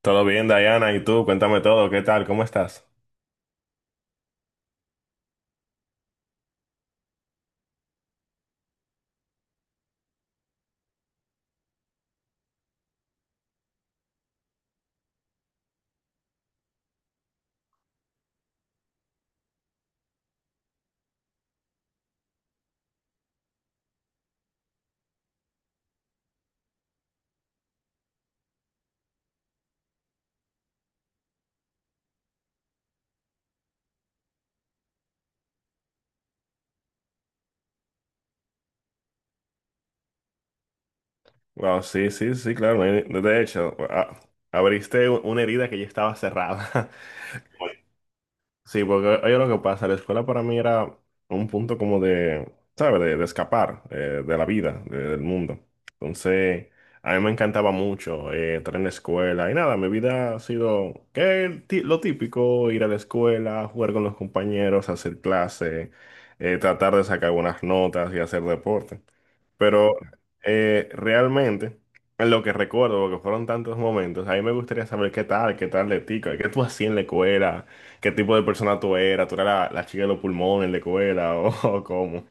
Todo bien, Diana, ¿y tú? Cuéntame todo, ¿qué tal? ¿Cómo estás? Wow, sí, sí, sí, claro. De hecho, abriste una herida que ya estaba cerrada. Sí, porque oye lo que pasa, la escuela para mí era un punto como de, ¿sabes? De escapar de la vida, del mundo. Entonces, a mí me encantaba mucho estar en la escuela y nada, mi vida ha sido que lo típico: ir a la escuela, jugar con los compañeros, hacer clase, tratar de sacar buenas notas y hacer deporte. Pero realmente, en lo que recuerdo, porque fueron tantos momentos, a mí me gustaría saber qué tal de ti, qué tú hacías en la escuela, qué tipo de persona tú eras. ¿Tú eras la chica de los pulmones en la escuela o, o cómo?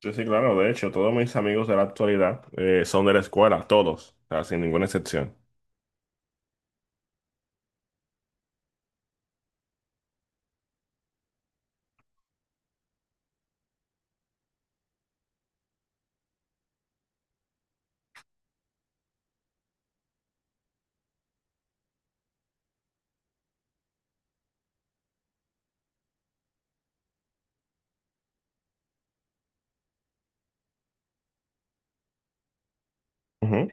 Sí, sí, claro, de hecho, todos mis amigos de la actualidad son de la escuela, todos, o sea, sin ninguna excepción. Ujú.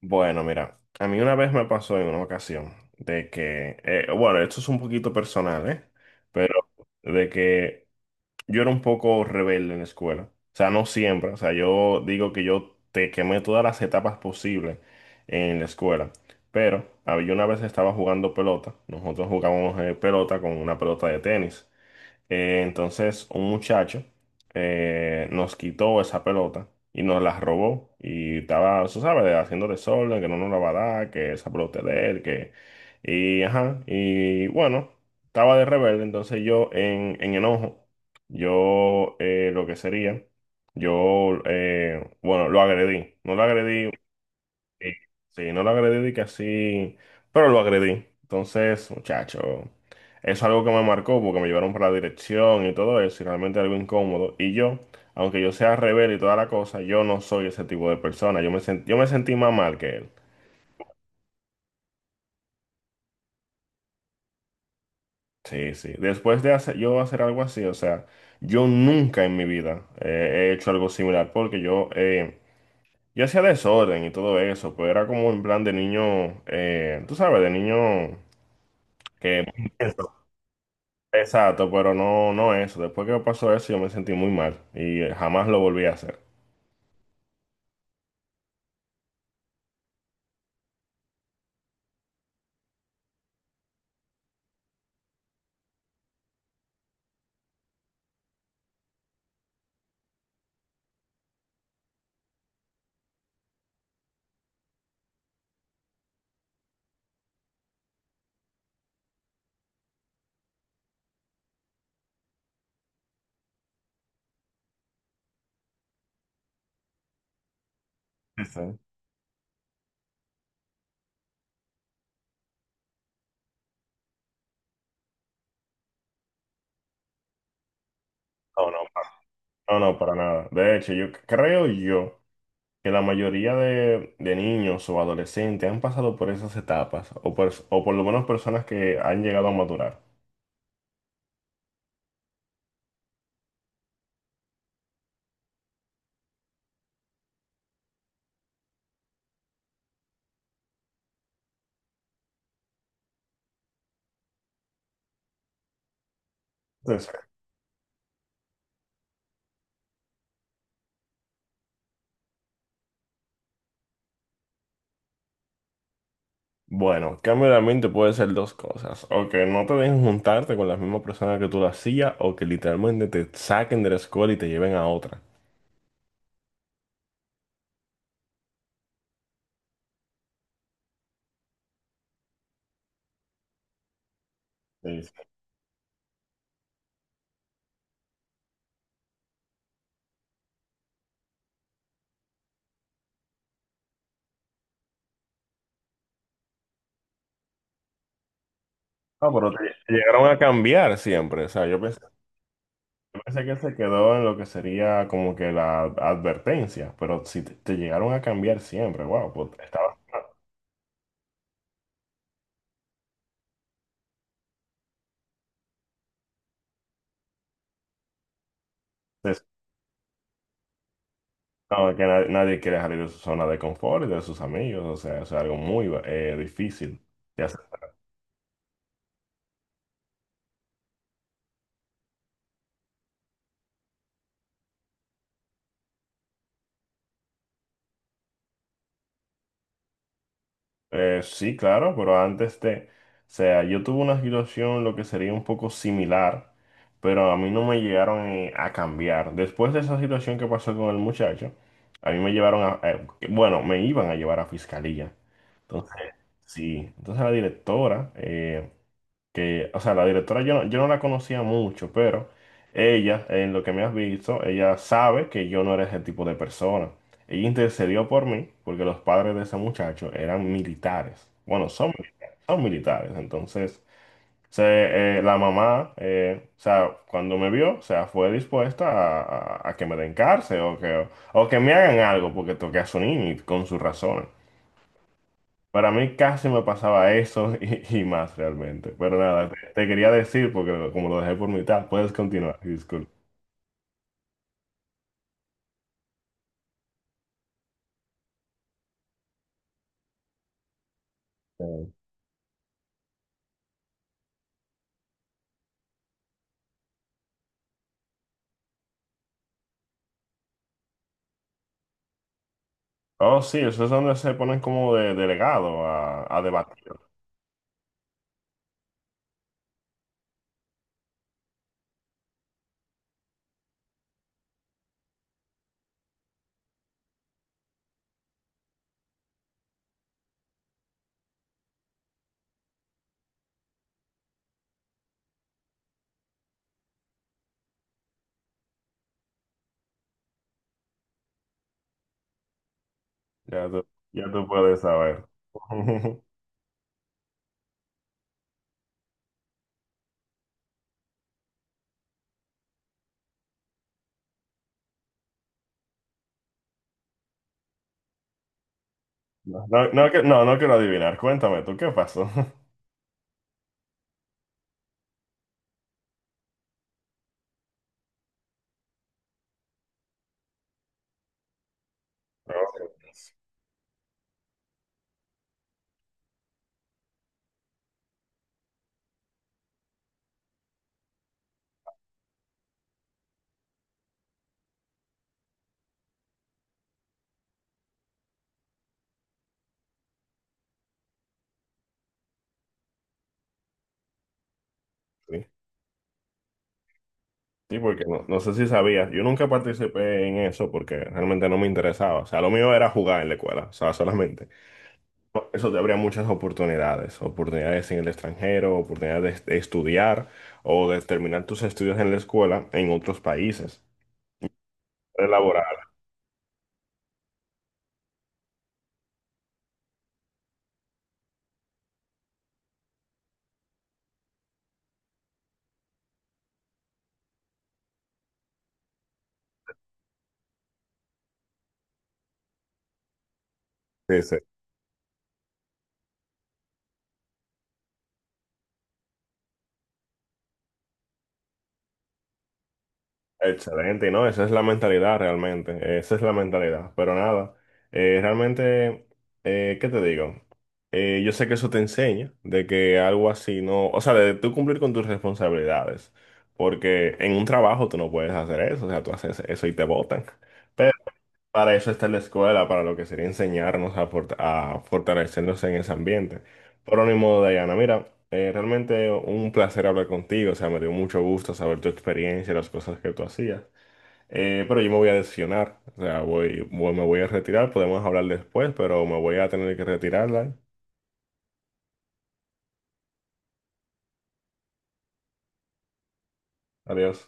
Bueno, mira, a mí una vez me pasó en una ocasión de que, bueno, esto es un poquito personal, ¿eh? Pero de que yo era un poco rebelde en la escuela. O sea, no siempre. O sea, yo digo que yo te quemé todas las etapas posibles en la escuela. Pero ah, yo una vez estaba jugando pelota. Nosotros jugábamos pelota con una pelota de tenis. Entonces, un muchacho nos quitó esa pelota y nos la robó. Y estaba, tú sabes, haciendo desorden, que no nos la va a dar, que esa pelota es de él, que... Y, ajá, y bueno, estaba de rebelde. Entonces yo, en enojo, yo lo que sería, yo, bueno, lo agredí. No lo agredí. Sí, sí, no lo agredí de que así, pero lo agredí. Entonces, muchacho, eso es algo que me marcó porque me llevaron para la dirección y todo eso, y realmente algo incómodo. Y yo, aunque yo sea rebelde y toda la cosa, yo no soy ese tipo de persona. Yo me sentí más mal que él. Sí, sí. Después de hacer, yo hacer algo así, o sea, yo nunca en mi vida he hecho algo similar porque yo, yo hacía desorden y todo eso, pero era como en plan de niño, tú sabes, de niño que... Exacto, pero no, no eso. Después que me pasó eso, yo me sentí muy mal y jamás lo volví a hacer. Sí, sí. No, no, no, no, para nada. De hecho, creo yo que la mayoría de niños o adolescentes han pasado por esas etapas, o por lo menos personas que han llegado a maturar. Entonces, bueno, cambio de ambiente puede ser dos cosas: o que no te dejen juntarte con las mismas personas que tú lo hacías, o que literalmente te saquen de la escuela y te lleven a otra. Sí, sí. Ah, pero te llegaron a cambiar siempre, o sea, yo pensé. Parece que se quedó en lo que sería como que la advertencia, pero si te, te llegaron a cambiar siempre, wow, pues estabas... es- no, que nadie, nadie quiere salir de su zona de confort y de sus amigos, o sea, es algo muy difícil de aceptar. Sí, claro, pero antes de, o sea, yo tuve una situación lo que sería un poco similar, pero a mí no me llegaron a cambiar. Después de esa situación que pasó con el muchacho, a mí me llevaron a, bueno, me iban a llevar a fiscalía. Entonces, sí, entonces la directora, que, o sea, la directora yo no la conocía mucho, pero ella, en lo que me has visto, ella sabe que yo no era ese tipo de persona. Ella intercedió por mí porque los padres de ese muchacho eran militares. Bueno, son militares, son militares. Entonces, se, la mamá, o sea, cuando me vio, o sea, fue dispuesta a, a que me den cárcel o que me hagan algo porque toqué a su niño y con sus razones. Para mí casi me pasaba eso y más realmente. Pero nada, te quería decir, porque como lo dejé por mitad, puedes continuar, disculpa. Eh, Oh, sí, eso es donde se ponen como de delegado a debatir. Ya tú, ya tú puedes saber. No, no, no, no quiero adivinar. Cuéntame tú, ¿qué pasó? No. Sí. Sí, porque no, no sé si sabías. Yo nunca participé en eso porque realmente no me interesaba. O sea, lo mío era jugar en la escuela, o sea, solamente. Eso te habría muchas oportunidades, oportunidades en el extranjero, oportunidades de estudiar o de terminar tus estudios en la escuela en otros países, de... Sí, sí. Excelente, y no, esa es la mentalidad realmente, esa es la mentalidad. Pero nada, realmente, ¿qué te digo? Yo sé que eso te enseña de que algo así no, o sea, de tú cumplir con tus responsabilidades, porque en un trabajo tú no puedes hacer eso, o sea, tú haces eso y te botan. Pero para eso está la escuela, para lo que sería enseñarnos a, a fortalecernos en ese ambiente. Pero ni modo, Dayana, mira, realmente un placer hablar contigo, o sea, me dio mucho gusto saber tu experiencia y las cosas que tú hacías. Pero yo me voy a decepcionar, o sea, me voy a retirar, podemos hablar después, pero me voy a tener que retirarla. Adiós.